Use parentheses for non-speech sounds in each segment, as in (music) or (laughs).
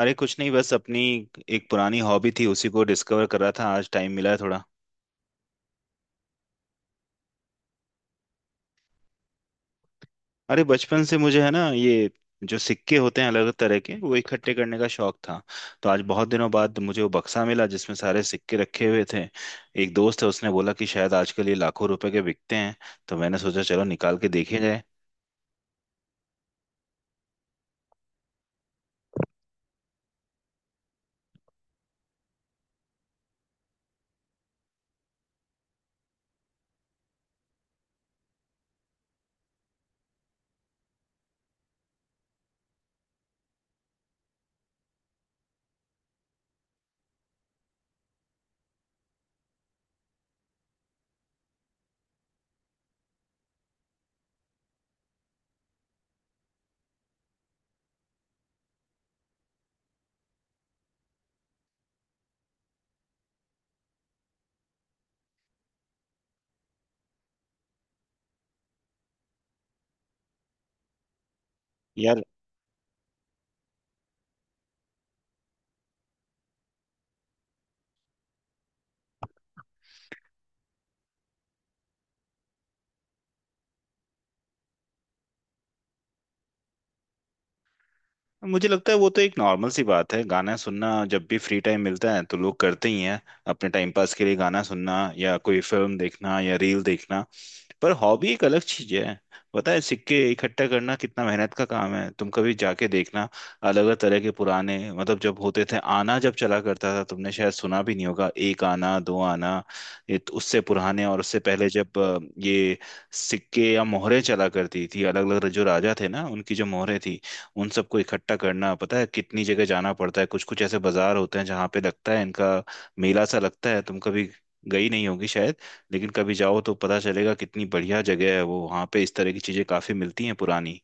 अरे कुछ नहीं, बस अपनी एक पुरानी हॉबी थी, उसी को डिस्कवर कर रहा था। आज टाइम मिला है थोड़ा। अरे बचपन से मुझे है ना, ये जो सिक्के होते हैं अलग अलग तरह के, वो इकट्ठे करने का शौक था। तो आज बहुत दिनों बाद मुझे वो बक्सा मिला जिसमें सारे सिक्के रखे हुए थे। एक दोस्त है, उसने बोला कि शायद आजकल ये लाखों रुपए के बिकते हैं। तो मैंने सोचा चलो निकाल के देखे जाए। यार, मुझे लगता है वो तो एक नॉर्मल सी बात है, गाना सुनना। जब भी फ्री टाइम मिलता है तो लोग करते ही हैं अपने टाइम पास के लिए, गाना सुनना या कोई फिल्म देखना या रील देखना। पर हॉबी एक अलग चीज है। पता है सिक्के इकट्ठा करना कितना मेहनत का काम है, तुम कभी जाके देखना। अलग अलग तरह के पुराने, मतलब जब होते थे आना, जब चला करता था, तुमने शायद सुना भी नहीं होगा, एक आना दो आना। ये तो उससे पुराने, और उससे पहले जब ये सिक्के या मोहरे चला करती थी, अलग अलग जो राजा थे ना उनकी जो मोहरे थी, उन सबको इकट्ठा करना। पता है कितनी जगह जाना पड़ता है, कुछ कुछ ऐसे बाजार होते हैं जहाँ पे लगता है इनका, मेला सा लगता है। तुम कभी गई नहीं होगी शायद, लेकिन कभी जाओ तो पता चलेगा कितनी बढ़िया जगह है वो, वहाँ पे इस तरह की चीजें काफी मिलती हैं पुरानी।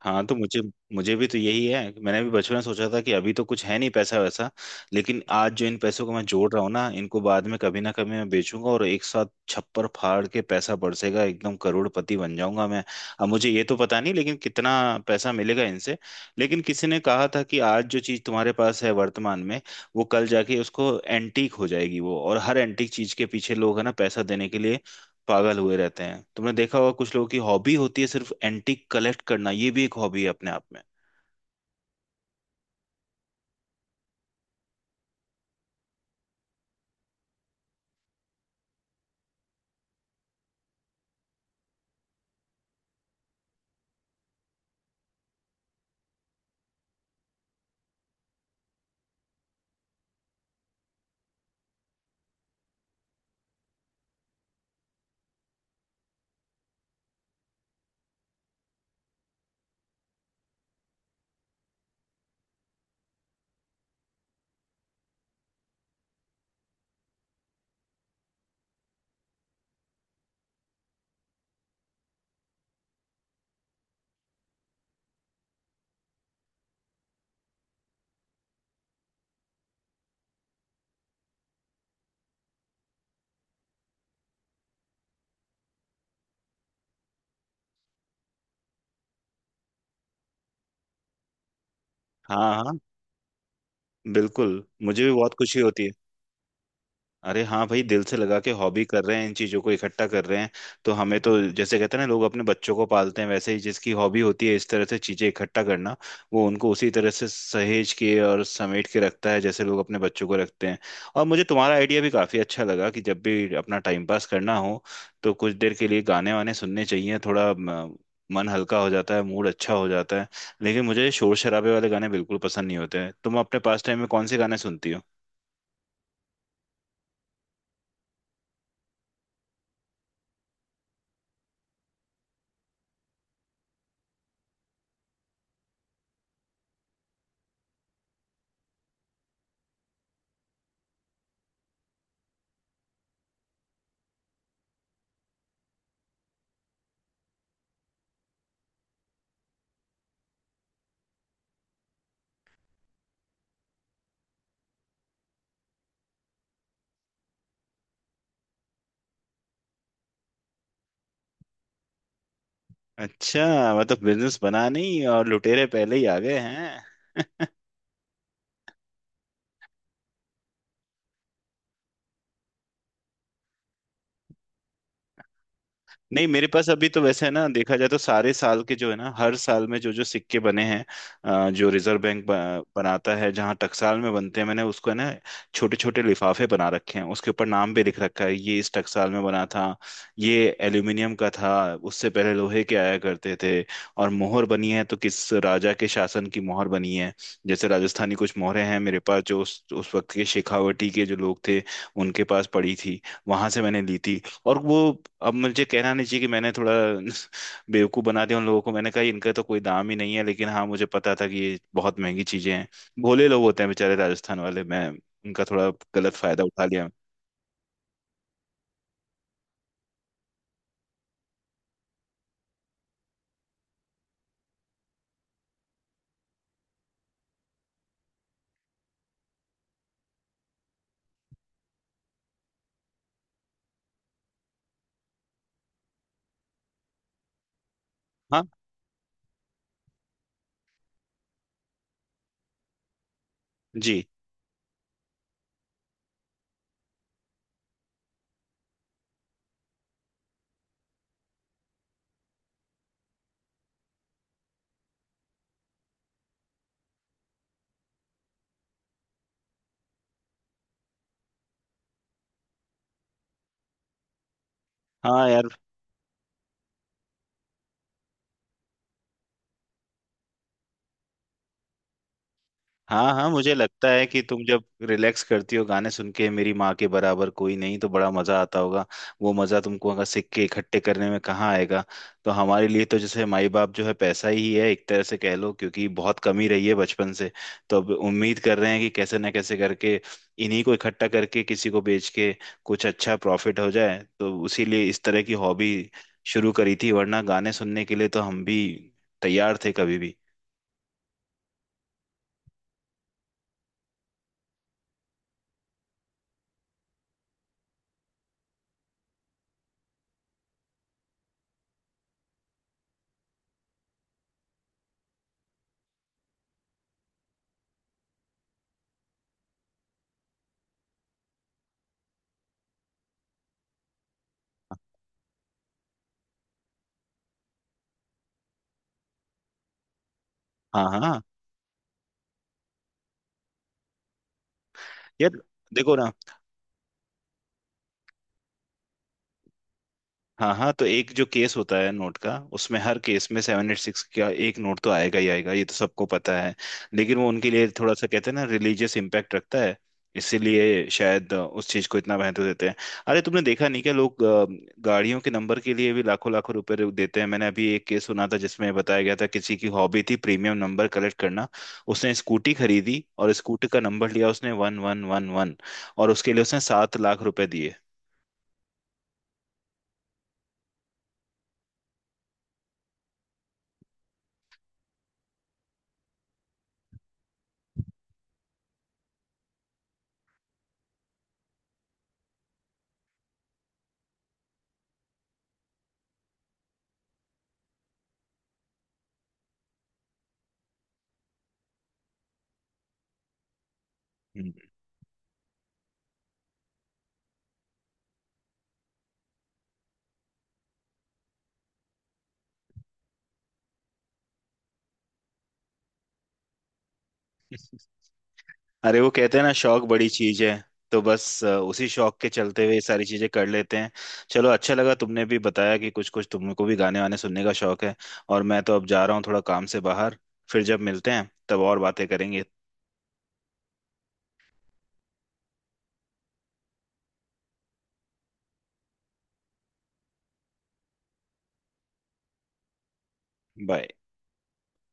हाँ, तो मुझे मुझे भी तो यही है कि मैंने भी बचपन में सोचा था कि अभी तो कुछ है नहीं, पैसा वैसा, लेकिन आज जो इन पैसों को मैं जोड़ रहा हूँ ना, इनको बाद में कभी ना कभी मैं बेचूंगा और एक साथ छप्पर फाड़ के पैसा बरसेगा, एकदम करोड़पति बन जाऊंगा मैं। अब मुझे ये तो पता नहीं लेकिन कितना पैसा मिलेगा इनसे, लेकिन किसी ने कहा था कि आज जो चीज तुम्हारे पास है वर्तमान में, वो कल जाके उसको एंटीक हो जाएगी वो। और हर एंटीक चीज के पीछे लोग है ना पैसा देने के लिए पागल हुए रहते हैं। तुमने देखा होगा कुछ लोगों की हॉबी होती है सिर्फ एंटीक कलेक्ट करना, ये भी एक हॉबी है अपने आप में। हाँ हाँ, बिल्कुल, मुझे भी बहुत खुशी होती है। अरे हाँ भाई, दिल से लगा के हॉबी कर रहे हैं, इन चीजों को इकट्ठा कर रहे हैं। तो हमें तो जैसे कहते हैं ना लोग अपने बच्चों को पालते हैं, वैसे ही जिसकी हॉबी होती है इस तरह से चीजें इकट्ठा करना, वो उनको उसी तरह से सहेज के और समेट के रखता है जैसे लोग अपने बच्चों को रखते हैं। और मुझे तुम्हारा आइडिया भी काफी अच्छा लगा कि जब भी अपना टाइम पास करना हो तो कुछ देर के लिए गाने वाने सुनने चाहिए, थोड़ा मन हल्का हो जाता है, मूड अच्छा हो जाता है। लेकिन मुझे शोर शराबे वाले गाने बिल्कुल पसंद नहीं होते हैं। तुम अपने पास टाइम में कौन से गाने सुनती हो? अच्छा, मतलब बिजनेस बना नहीं और लुटेरे पहले ही आ गए हैं। नहीं, मेरे पास अभी तो वैसे है ना, देखा जाए तो सारे साल के जो है ना, हर साल में जो जो सिक्के बने हैं जो रिजर्व बैंक बनाता है, जहाँ टकसाल में बनते हैं, मैंने उसको है ना छोटे छोटे लिफाफे बना रखे हैं, उसके ऊपर नाम भी लिख रखा है ये इस टकसाल में बना था, ये एल्यूमिनियम का था, उससे पहले लोहे के आया करते थे। और मोहर बनी है तो किस राजा के शासन की मोहर बनी है। जैसे राजस्थानी कुछ मोहरें हैं मेरे पास, जो उस वक्त के शेखावटी के जो लोग थे, उनके पास पड़ी थी, वहां से मैंने ली थी। और वो, अब मुझे कहना नहीं चाहिए कि मैंने थोड़ा (laughs) बेवकूफ़ बना दिया उन लोगों को। मैंने कहा इनका तो कोई दाम ही नहीं है, लेकिन हाँ मुझे पता था कि ये बहुत महंगी चीजें हैं। भोले लोग होते हैं बेचारे राजस्थान वाले, मैं उनका थोड़ा गलत फायदा उठा लिया। हाँ। जी। हाँ। यार, हाँ हाँ, मुझे लगता है कि तुम जब रिलैक्स करती हो गाने सुन के, मेरी माँ के बराबर कोई नहीं, तो बड़ा मजा आता होगा। वो मजा तुमको अगर सिक्के इकट्ठे करने में कहाँ आएगा। तो हमारे लिए तो जैसे माई बाप जो है पैसा ही है एक तरह से, कह लो क्योंकि बहुत कमी रही है बचपन से। तो अब उम्मीद कर रहे हैं कि कैसे ना कैसे करके इन्हीं को इकट्ठा करके किसी को बेच के कुछ अच्छा प्रॉफिट हो जाए, तो उसी लिए इस तरह की हॉबी शुरू करी थी। वरना गाने सुनने के लिए तो हम भी तैयार थे कभी भी। हाँ हाँ हाँ। यार, देखो ना। हाँ हाँ, तो एक जो केस होता है नोट का, उसमें हर केस में 786 का एक नोट तो आएगा ही आएगा, ये तो सबको पता है। लेकिन वो उनके लिए थोड़ा सा कहते हैं ना रिलीजियस इम्पैक्ट रखता है, इसीलिए शायद उस चीज को इतना महत्व देते हैं। अरे तुमने देखा नहीं क्या, लोग गाड़ियों के नंबर के लिए भी लाखों लाखों रुपए देते हैं। मैंने अभी एक केस सुना था जिसमें बताया गया था किसी की हॉबी थी प्रीमियम नंबर कलेक्ट करना। उसने स्कूटी खरीदी और स्कूटी का नंबर लिया उसने 1111, और उसके लिए उसने 7 लाख रुपए दिए। हम्म। अरे वो कहते हैं ना, शौक बड़ी चीज है, तो बस उसी शौक के चलते हुए ये सारी चीजें कर लेते हैं। चलो अच्छा लगा तुमने भी बताया कि कुछ कुछ तुमको भी गाने वाने सुनने का शौक है। और मैं तो अब जा रहा हूँ थोड़ा काम से बाहर, फिर जब मिलते हैं तब और बातें करेंगे। बाय।